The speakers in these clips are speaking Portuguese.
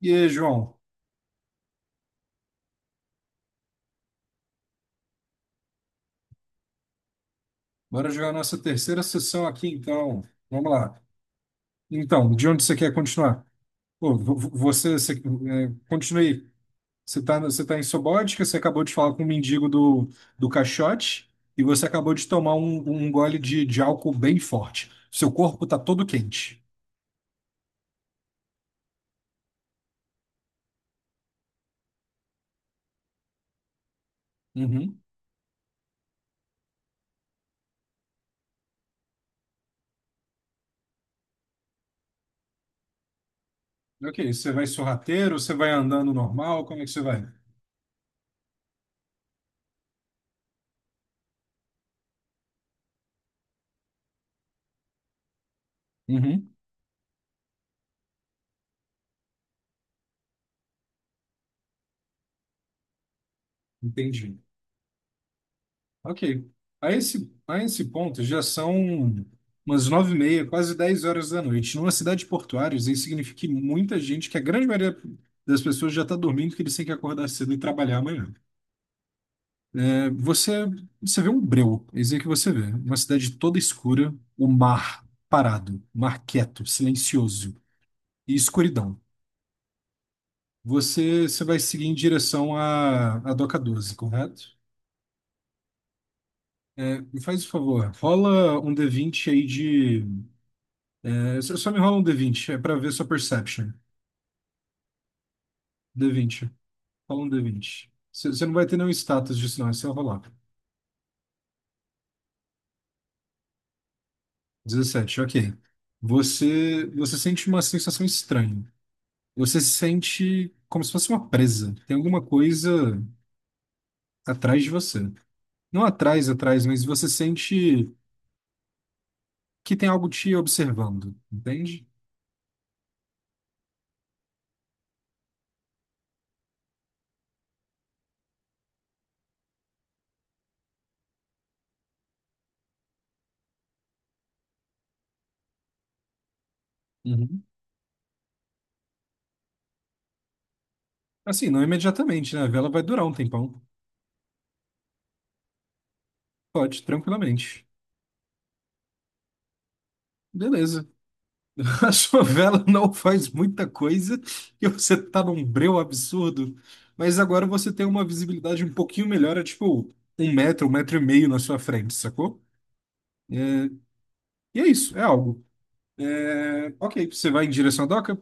E aí, João, bora jogar nossa terceira sessão aqui, então. Vamos lá. Então, de onde você quer continuar? Pô, continue. Você tá em Sobótica, você acabou de falar com o mendigo do, do caixote e você acabou de tomar um, um gole de álcool bem forte. Seu corpo está todo quente. Uhum. Ok, você vai sorrateiro, você vai andando normal, como é que você vai? Uhum. Entendi. Ok. A esse ponto já são umas 9:30, quase 10 horas da noite. Numa cidade portuária, isso aí significa que muita gente, que a grande maioria das pessoas já está dormindo, que eles têm que acordar cedo e trabalhar amanhã. É, você, você vê um breu, é isso aí que você vê. Uma cidade toda escura, o mar parado, mar quieto, silencioso e escuridão. Você, você vai seguir em direção à, à Doca 12, correto? É, me faz o favor, rola um D20 aí de você só me rola um D20, é pra ver sua perception. D20. Rola um D20. Você não vai ter nenhum status disso, não, é só rolar. 17, ok. Você, você sente uma sensação estranha. Você se sente como se fosse uma presa. Tem alguma coisa atrás de você. Não atrás, atrás, mas você sente que tem algo te observando, entende? Uhum. Assim, não imediatamente, né? A vela vai durar um tempão. Pode, tranquilamente. Beleza. A sua vela não faz muita coisa e você tá num breu absurdo, mas agora você tem uma visibilidade um pouquinho melhor, é tipo um metro e meio na sua frente, sacou? É, e é isso, é algo. É, ok, você vai em direção à doca?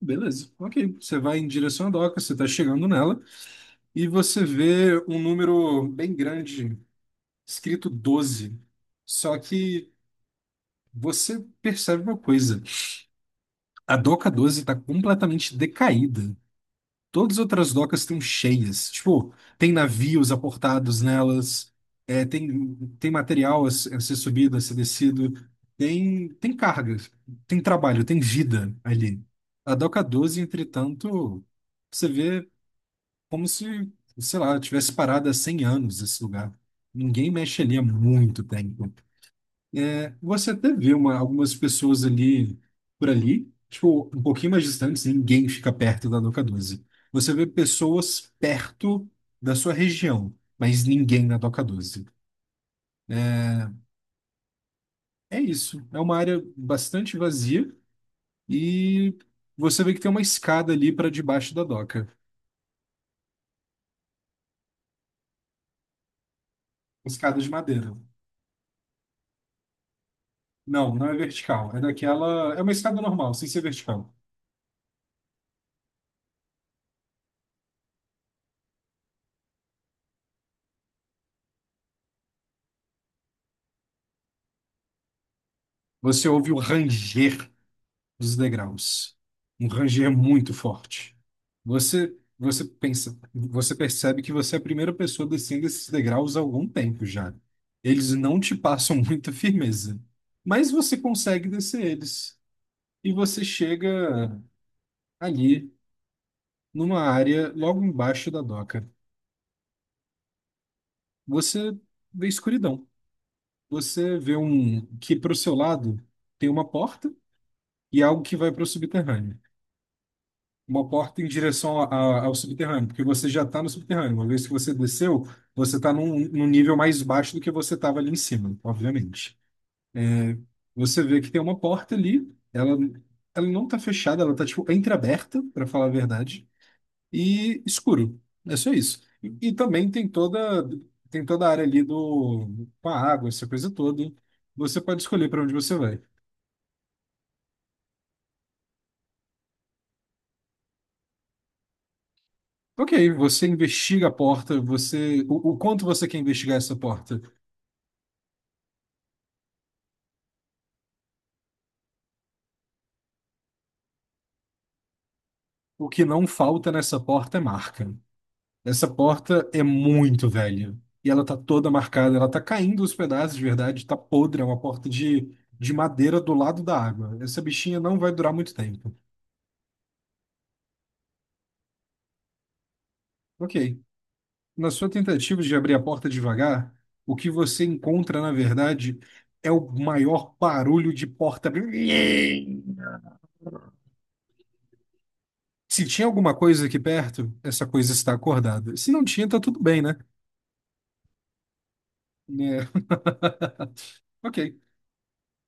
Beleza, ok. Você vai em direção à doca, você tá chegando nela e você vê um número bem grande, escrito 12. Só que você percebe uma coisa: a doca 12 está completamente decaída. Todas as outras docas estão cheias. Tipo, tem navios aportados nelas, é, tem, tem material a se- a ser subido, a ser descido, tem, tem cargas, tem trabalho, tem vida ali. A Doca 12, entretanto, você vê como se, sei lá, tivesse parado há 100 anos esse lugar. Ninguém mexe ali há muito tempo. É, você até vê uma, algumas pessoas ali, por ali, tipo, um pouquinho mais distantes, ninguém fica perto da Doca 12. Você vê pessoas perto da sua região, mas ninguém na Doca 12. É isso. É uma área bastante vazia e você vê que tem uma escada ali para debaixo da doca. Escada de madeira. Não, não é vertical. É daquela. É uma escada normal, sem ser vertical. Você ouve o ranger dos degraus. Um ranger muito forte. Você, você pensa, você percebe que você é a primeira pessoa descendo esses degraus há algum tempo já. Eles não te passam muita firmeza, mas você consegue descer eles. E você chega ali, numa área logo embaixo da doca. Você vê escuridão. Você vê um que para o seu lado tem uma porta e algo que vai para o subterrâneo. Uma porta em direção ao subterrâneo, porque você já está no subterrâneo. Uma vez que você desceu, você está num, num nível mais baixo do que você estava ali em cima, obviamente. Você vê que tem uma porta ali, ela não está fechada, ela está tipo entreaberta, para falar a verdade, e escuro. É só isso. E também tem toda a área ali do com a água, essa coisa toda. Você pode escolher para onde você vai. Ok, você investiga a porta, você o quanto você quer investigar essa porta? O que não falta nessa porta é marca. Essa porta é muito velha. E ela tá toda marcada, ela tá caindo os pedaços de verdade, tá podre, é uma porta de madeira do lado da água. Essa bichinha não vai durar muito tempo. Ok. Na sua tentativa de abrir a porta devagar, o que você encontra, na verdade, é o maior barulho de porta abrindo. Se tinha alguma coisa aqui perto, essa coisa está acordada. Se não tinha, tá tudo bem, né? É, ok.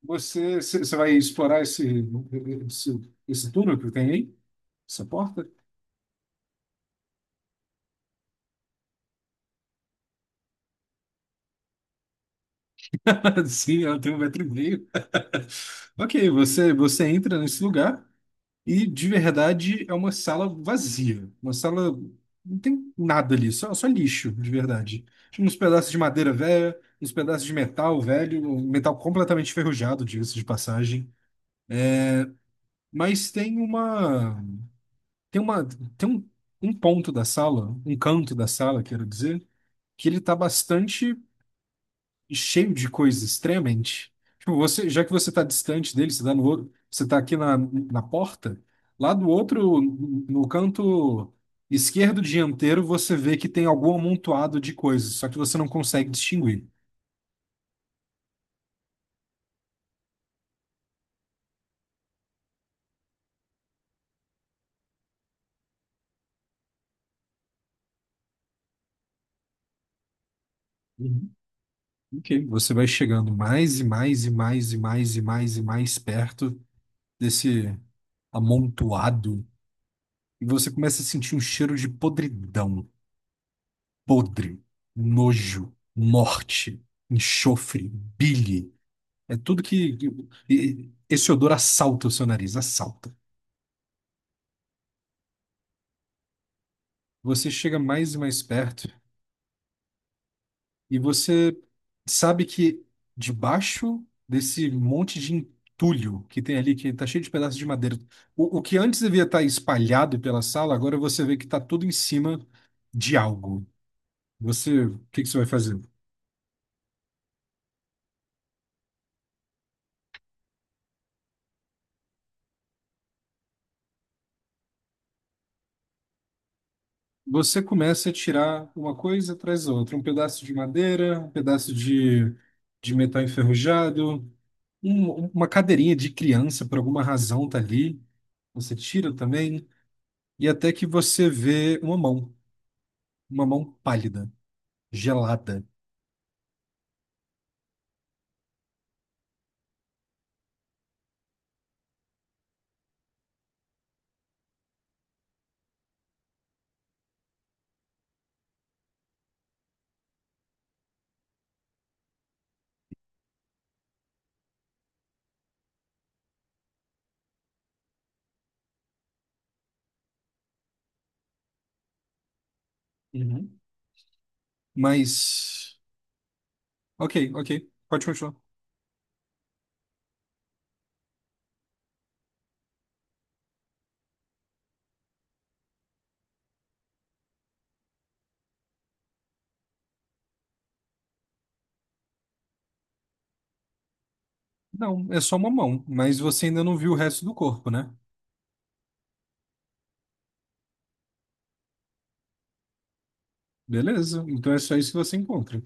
Você, você vai explorar esse, esse, esse túnel que tem aí? Essa porta? Sim, ela tem um metro e meio. Ok, você, você entra nesse lugar e de verdade é uma sala vazia. Uma sala. Não tem nada ali, só, só lixo, de verdade. Tinha uns pedaços de madeira velha, uns pedaços de metal velho, um metal completamente enferrujado, diga-se de passagem. Mas tem uma. Tem uma. Tem um, um ponto da sala, um canto da sala, quero dizer, que ele tá bastante cheio de coisas extremamente. Tipo, você, já que você está distante dele, você está no outro, você está aqui na, na porta, lá do outro, no canto esquerdo dianteiro, você vê que tem algum amontoado de coisas, só que você não consegue distinguir. Uhum. Ok. Você vai chegando mais e mais e mais e mais e mais e mais perto desse amontoado e você começa a sentir um cheiro de podridão, podre, nojo, morte, enxofre, bile. É tudo esse odor assalta o seu nariz, assalta. Você chega mais e mais perto e você sabe que debaixo desse monte de entulho que tem ali, que tá cheio de pedaços de madeira, o que antes devia estar espalhado pela sala, agora você vê que tá tudo em cima de algo. Você, o que que você vai fazer? Você começa a tirar uma coisa atrás da outra, um pedaço de madeira, um pedaço de metal enferrujado, uma cadeirinha de criança, por alguma razão, tá ali. Você tira também, e até que você vê uma mão pálida, gelada. Uhum. Mas. Ok, ok, pode continuar. Não, é só uma mão, mas você ainda não viu o resto do corpo, né? Beleza, então é só isso que você encontra.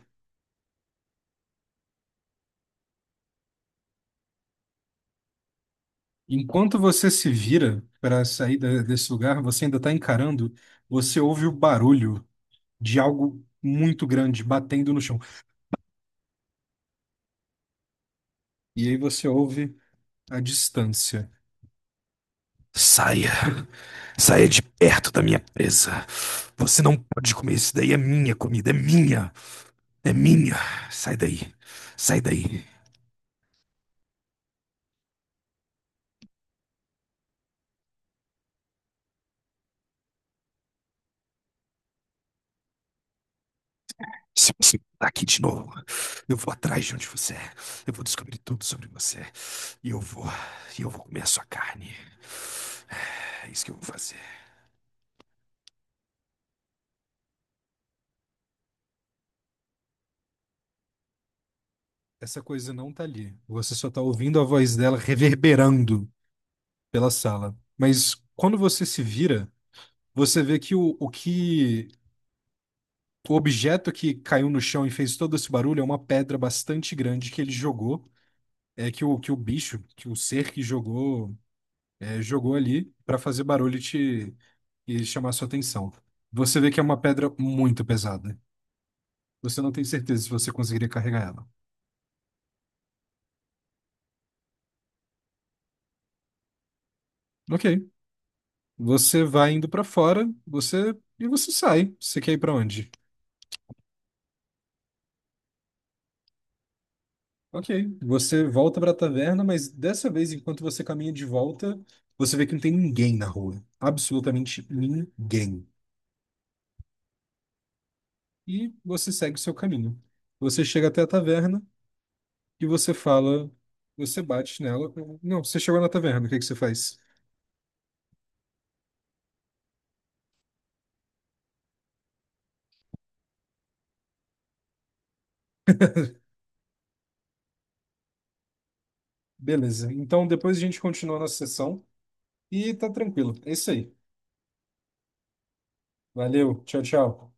Enquanto você se vira para sair desse lugar, você ainda está encarando, você ouve o barulho de algo muito grande batendo no chão. E aí você ouve a distância. Saia, saia de perto da minha presa. Você não pode comer isso daí, é minha comida, é minha, é minha. Sai daí, sai daí. Se você tá aqui de novo, eu vou atrás de onde você é. Eu vou descobrir tudo sobre você. E eu vou, e eu vou comer a sua carne. É isso que eu vou fazer. Essa coisa não tá ali. Você só tá ouvindo a voz dela reverberando pela sala. Mas quando você se vira, você vê que o que o objeto que caiu no chão e fez todo esse barulho é uma pedra bastante grande que ele jogou. É que o bicho, que o ser que jogou, é, jogou ali pra fazer barulho e te e chamar sua atenção. Você vê que é uma pedra muito pesada. Você não tem certeza se você conseguiria carregar ela. Ok. Você vai indo pra fora, você e você sai. Você quer ir pra onde? Ok. Você volta pra taverna, mas dessa vez, enquanto você caminha de volta, você vê que não tem ninguém na rua. Absolutamente ninguém. E você segue o seu caminho. Você chega até a taverna e você fala, você bate nela. Não, você chegou na taverna, o que que você faz? Beleza. Então depois a gente continua a nossa sessão e tá tranquilo. É isso aí. Valeu. Tchau, tchau.